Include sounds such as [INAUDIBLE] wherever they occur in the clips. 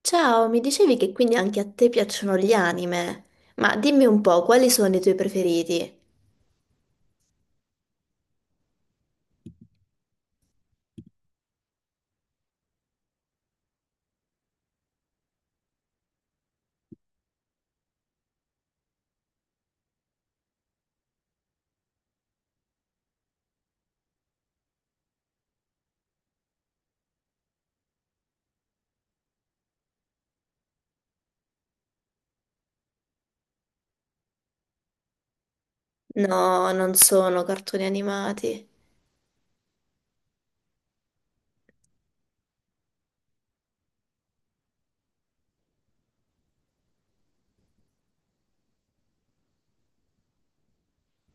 Ciao, mi dicevi che quindi anche a te piacciono gli anime, ma dimmi un po', quali sono i tuoi preferiti? No, non sono cartoni animati.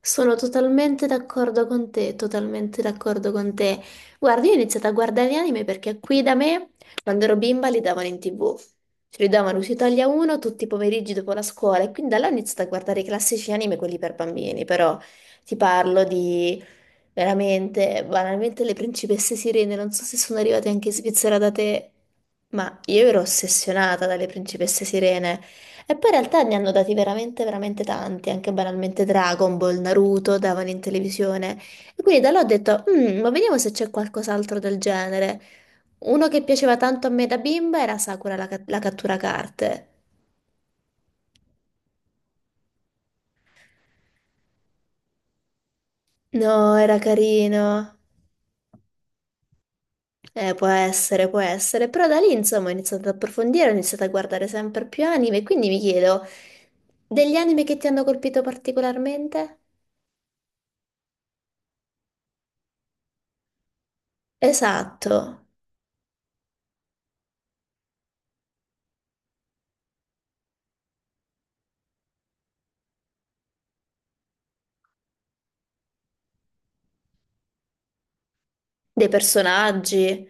Sono totalmente d'accordo con te, totalmente d'accordo con te. Guarda, io ho iniziato a guardare gli anime perché qui da me, quando ero bimba, li davano in TV. Ce li davano su Italia 1 tutti i pomeriggi dopo la scuola e quindi da là ho iniziato a guardare i classici anime, quelli per bambini, però ti parlo di. Veramente, banalmente le principesse sirene, non so se sono arrivate anche in Svizzera da te, ma io ero ossessionata dalle principesse sirene. E poi in realtà ne hanno dati veramente, veramente tanti, anche banalmente Dragon Ball, Naruto, davano in televisione. E quindi da là ho detto, "Mm, ma vediamo se c'è qualcos'altro del genere." Uno che piaceva tanto a me da bimba era Sakura la cattura carte. No, era carino. Può essere, però da lì insomma ho iniziato ad approfondire, ho iniziato a guardare sempre più anime, e quindi mi chiedo, degli anime che ti hanno colpito particolarmente? Esatto, dei personaggi,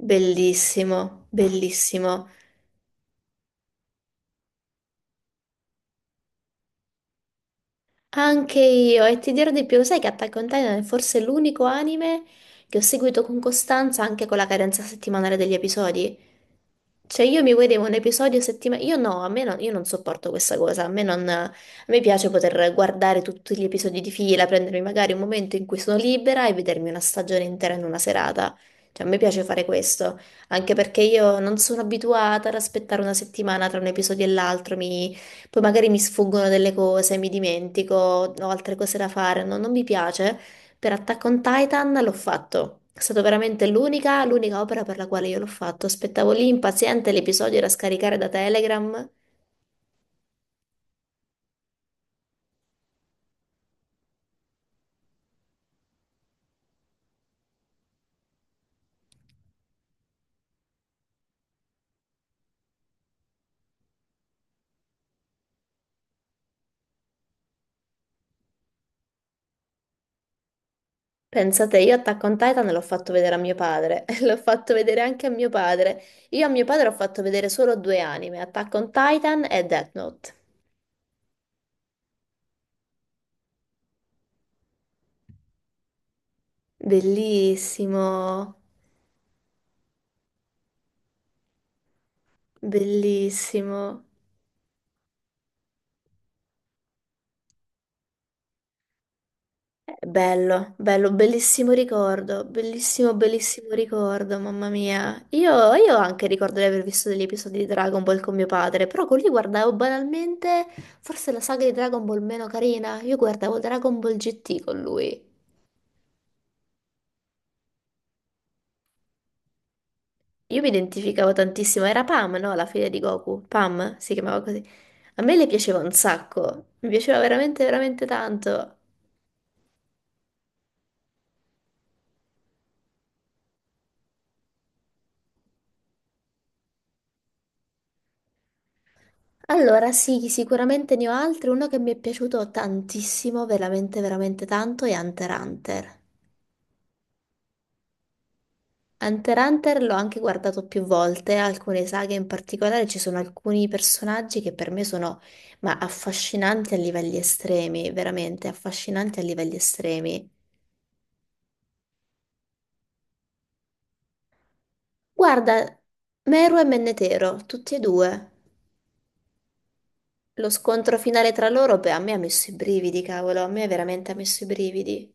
bellissimo, bellissimo. Anche io, e ti dirò di più, sai che Attack on Titan è forse l'unico anime che ho seguito con costanza anche con la cadenza settimanale degli episodi. Cioè io mi vedevo un episodio settimanale, io no, a me non, io non sopporto questa cosa, a me, non, a me piace poter guardare tutti gli episodi di fila, prendermi magari un momento in cui sono libera e vedermi una stagione intera in una serata. Cioè a me piace fare questo, anche perché io non sono abituata ad aspettare una settimana tra un episodio e l'altro, poi magari mi sfuggono delle cose, mi dimentico, ho altre cose da fare, no, non mi piace. Per Attack on Titan l'ho fatto. È stata veramente l'unica opera per la quale io l'ho fatto. Aspettavo lì impaziente, l'episodio da scaricare da Telegram. Pensate, io Attack on Titan l'ho fatto vedere a mio padre, [LAUGHS] l'ho fatto vedere anche a mio padre. Io a mio padre ho fatto vedere solo due anime, Attack on Titan e Death Note. Bellissimo, bellissimo. Bello, bello, bellissimo ricordo, bellissimo, bellissimo ricordo, mamma mia. Io anche ricordo di aver visto degli episodi di Dragon Ball con mio padre, però con lui guardavo banalmente forse la saga di Dragon Ball meno carina. Io guardavo Dragon Ball GT con lui. Io mi identificavo tantissimo, era Pam, no? La figlia di Goku, Pam si chiamava così. A me le piaceva un sacco, mi piaceva veramente, veramente tanto. Allora, sì, sicuramente ne ho altri. Uno che mi è piaciuto tantissimo, veramente, veramente tanto, è Hunter x Hunter. Hunter x Hunter l'ho anche guardato più volte, alcune saghe in particolare, ci sono alcuni personaggi che per me sono, ma affascinanti a livelli estremi, veramente affascinanti a livelli estremi. Guarda, Meru e Mennetero, tutti e due. Lo scontro finale tra loro, beh, a me ha messo i brividi, cavolo, a me veramente ha messo i brividi.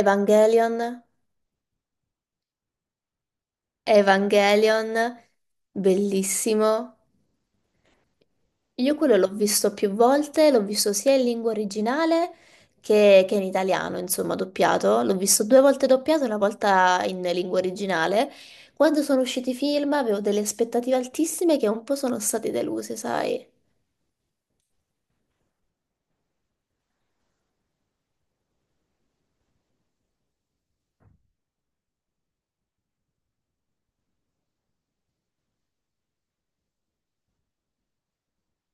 Evangelion. Evangelion, bellissimo. Io quello l'ho visto più volte, l'ho visto sia in lingua originale che in italiano, insomma, doppiato. L'ho visto due volte doppiato, una volta in lingua originale. Quando sono usciti i film avevo delle aspettative altissime che un po' sono state deluse, sai?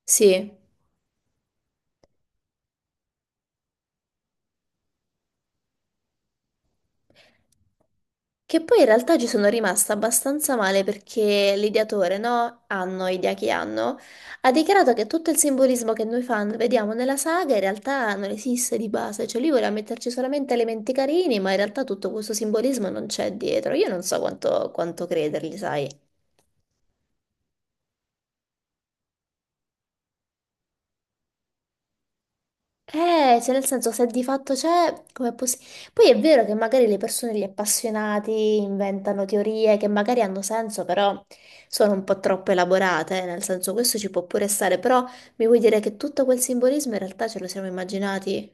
Sì. Che poi in realtà ci sono rimasta abbastanza male perché l'ideatore, no? Hanno, idea che hanno, ha dichiarato che tutto il simbolismo che noi fan vediamo nella saga in realtà non esiste di base, cioè lui voleva metterci solamente elementi carini, ma in realtà tutto questo simbolismo non c'è dietro. Io non so quanto credergli, sai? Cioè nel senso, se di fatto c'è, com'è possibile? Poi è vero che magari le persone, gli appassionati, inventano teorie che magari hanno senso, però sono un po' troppo elaborate, nel senso, questo ci può pure stare, però mi vuoi dire che tutto quel simbolismo in realtà ce lo siamo immaginati?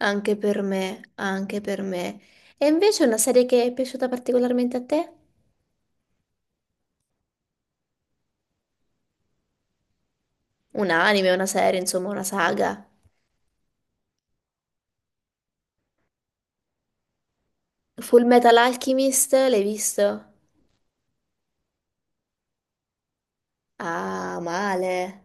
Anche per me, anche per me. E invece una serie che è piaciuta particolarmente a te? Un anime, una serie, insomma, una saga. Full Metal Alchemist, l'hai visto? Ah, male.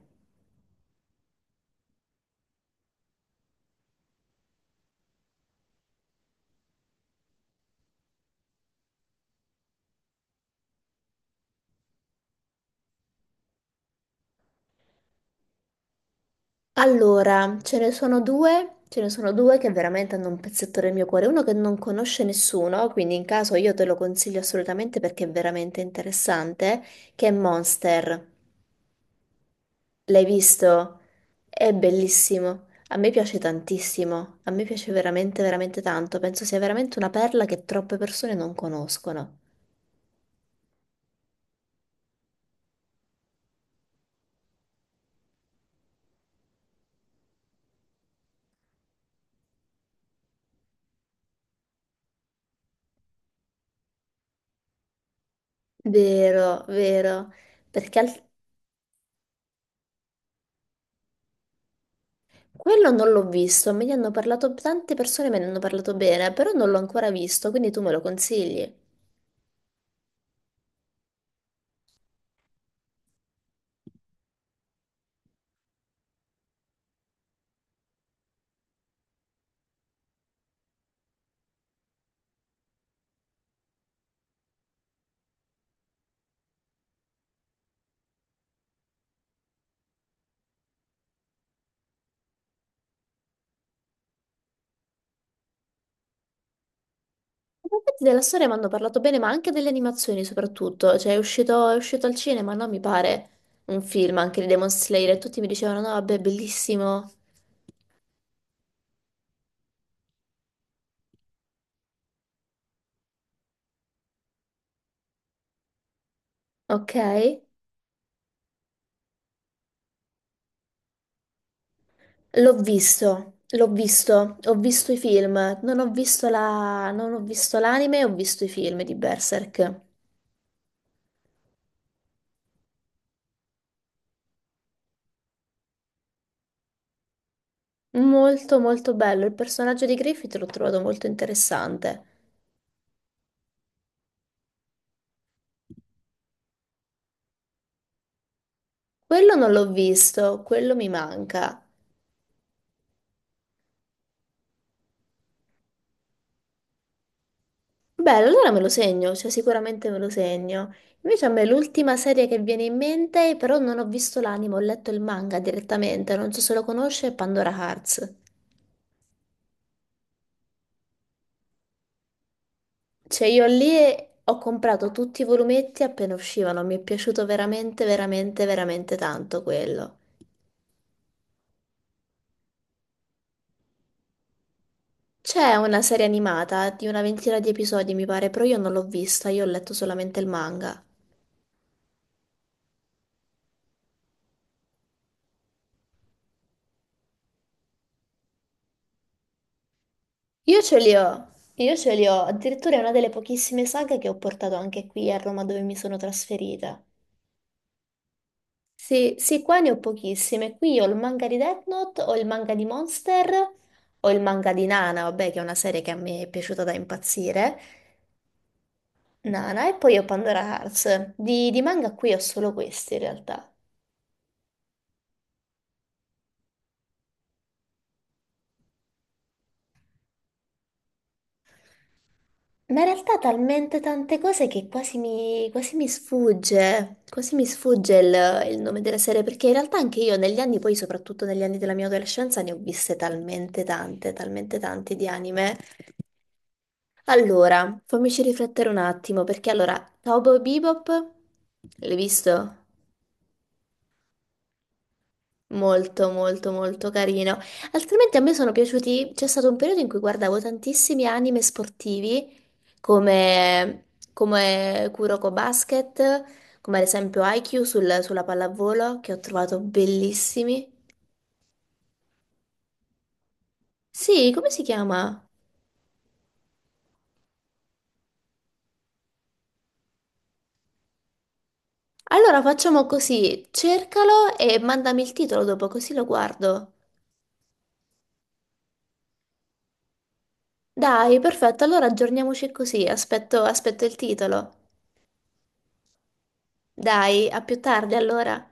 Allora, ce ne sono due, ce ne sono due che veramente hanno un pezzetto del mio cuore, uno che non conosce nessuno, quindi in caso io te lo consiglio assolutamente perché è veramente interessante, che è Monster. L'hai visto? È bellissimo. A me piace tantissimo, a me piace veramente, veramente tanto. Penso sia veramente una perla che troppe persone non conoscono. Vero, vero. Perché al- Quello non l'ho visto, me ne hanno parlato tante persone, me ne hanno parlato bene, però non l'ho ancora visto, quindi tu me lo consigli. In effetti della storia mi hanno parlato bene, ma anche delle animazioni soprattutto, cioè è uscito al cinema, no? Mi pare un film anche di Demon Slayer e tutti mi dicevano no, vabbè, bellissimo. Ok? L'ho visto, ho visto i film, non ho visto la, non ho visto l'anime, ho visto i film di Berserk. Molto molto bello, il personaggio di Griffith l'ho trovato molto interessante. Quello non l'ho visto, quello mi manca. Bello, allora me lo segno, cioè sicuramente me lo segno. Invece a me l'ultima serie che viene in mente, però non ho visto l'anime, ho letto il manga direttamente, non so se lo conosce, è Pandora Hearts. Cioè io lì ho comprato tutti i volumetti appena uscivano, mi è piaciuto veramente, veramente, veramente tanto quello. C'è una serie animata di una ventina di episodi, mi pare, però io non l'ho vista, io ho letto solamente il manga. Io ce li ho, io ce li ho, addirittura è una delle pochissime saghe che ho portato anche qui a Roma dove mi sono trasferita. Sì, sì, qua ne ho pochissime. Qui ho il manga di Death Note, ho il manga di Monster, ho il manga di Nana, vabbè, che è una serie che a me è piaciuta da impazzire. Nana, e poi ho Pandora Hearts. Di manga qui ho solo questi in realtà. Ma in realtà talmente tante cose che quasi mi sfugge il nome della serie, perché in realtà anche io negli anni, poi soprattutto negli anni della mia adolescenza, ne ho viste talmente tante di anime. Allora, fammici riflettere un attimo, perché allora, Cowboy Bebop, l'hai visto? Molto, molto, molto carino. Altrimenti a me sono piaciuti. C'è stato un periodo in cui guardavo tantissimi anime sportivi come, come Kuroko Basket, come ad esempio Haikyuu sulla pallavolo, che ho trovato bellissimi. Sì, come si chiama? Allora facciamo così: cercalo e mandami il titolo dopo, così lo guardo. Dai, perfetto, allora aggiorniamoci così. Aspetto il titolo. Dai, a più tardi allora.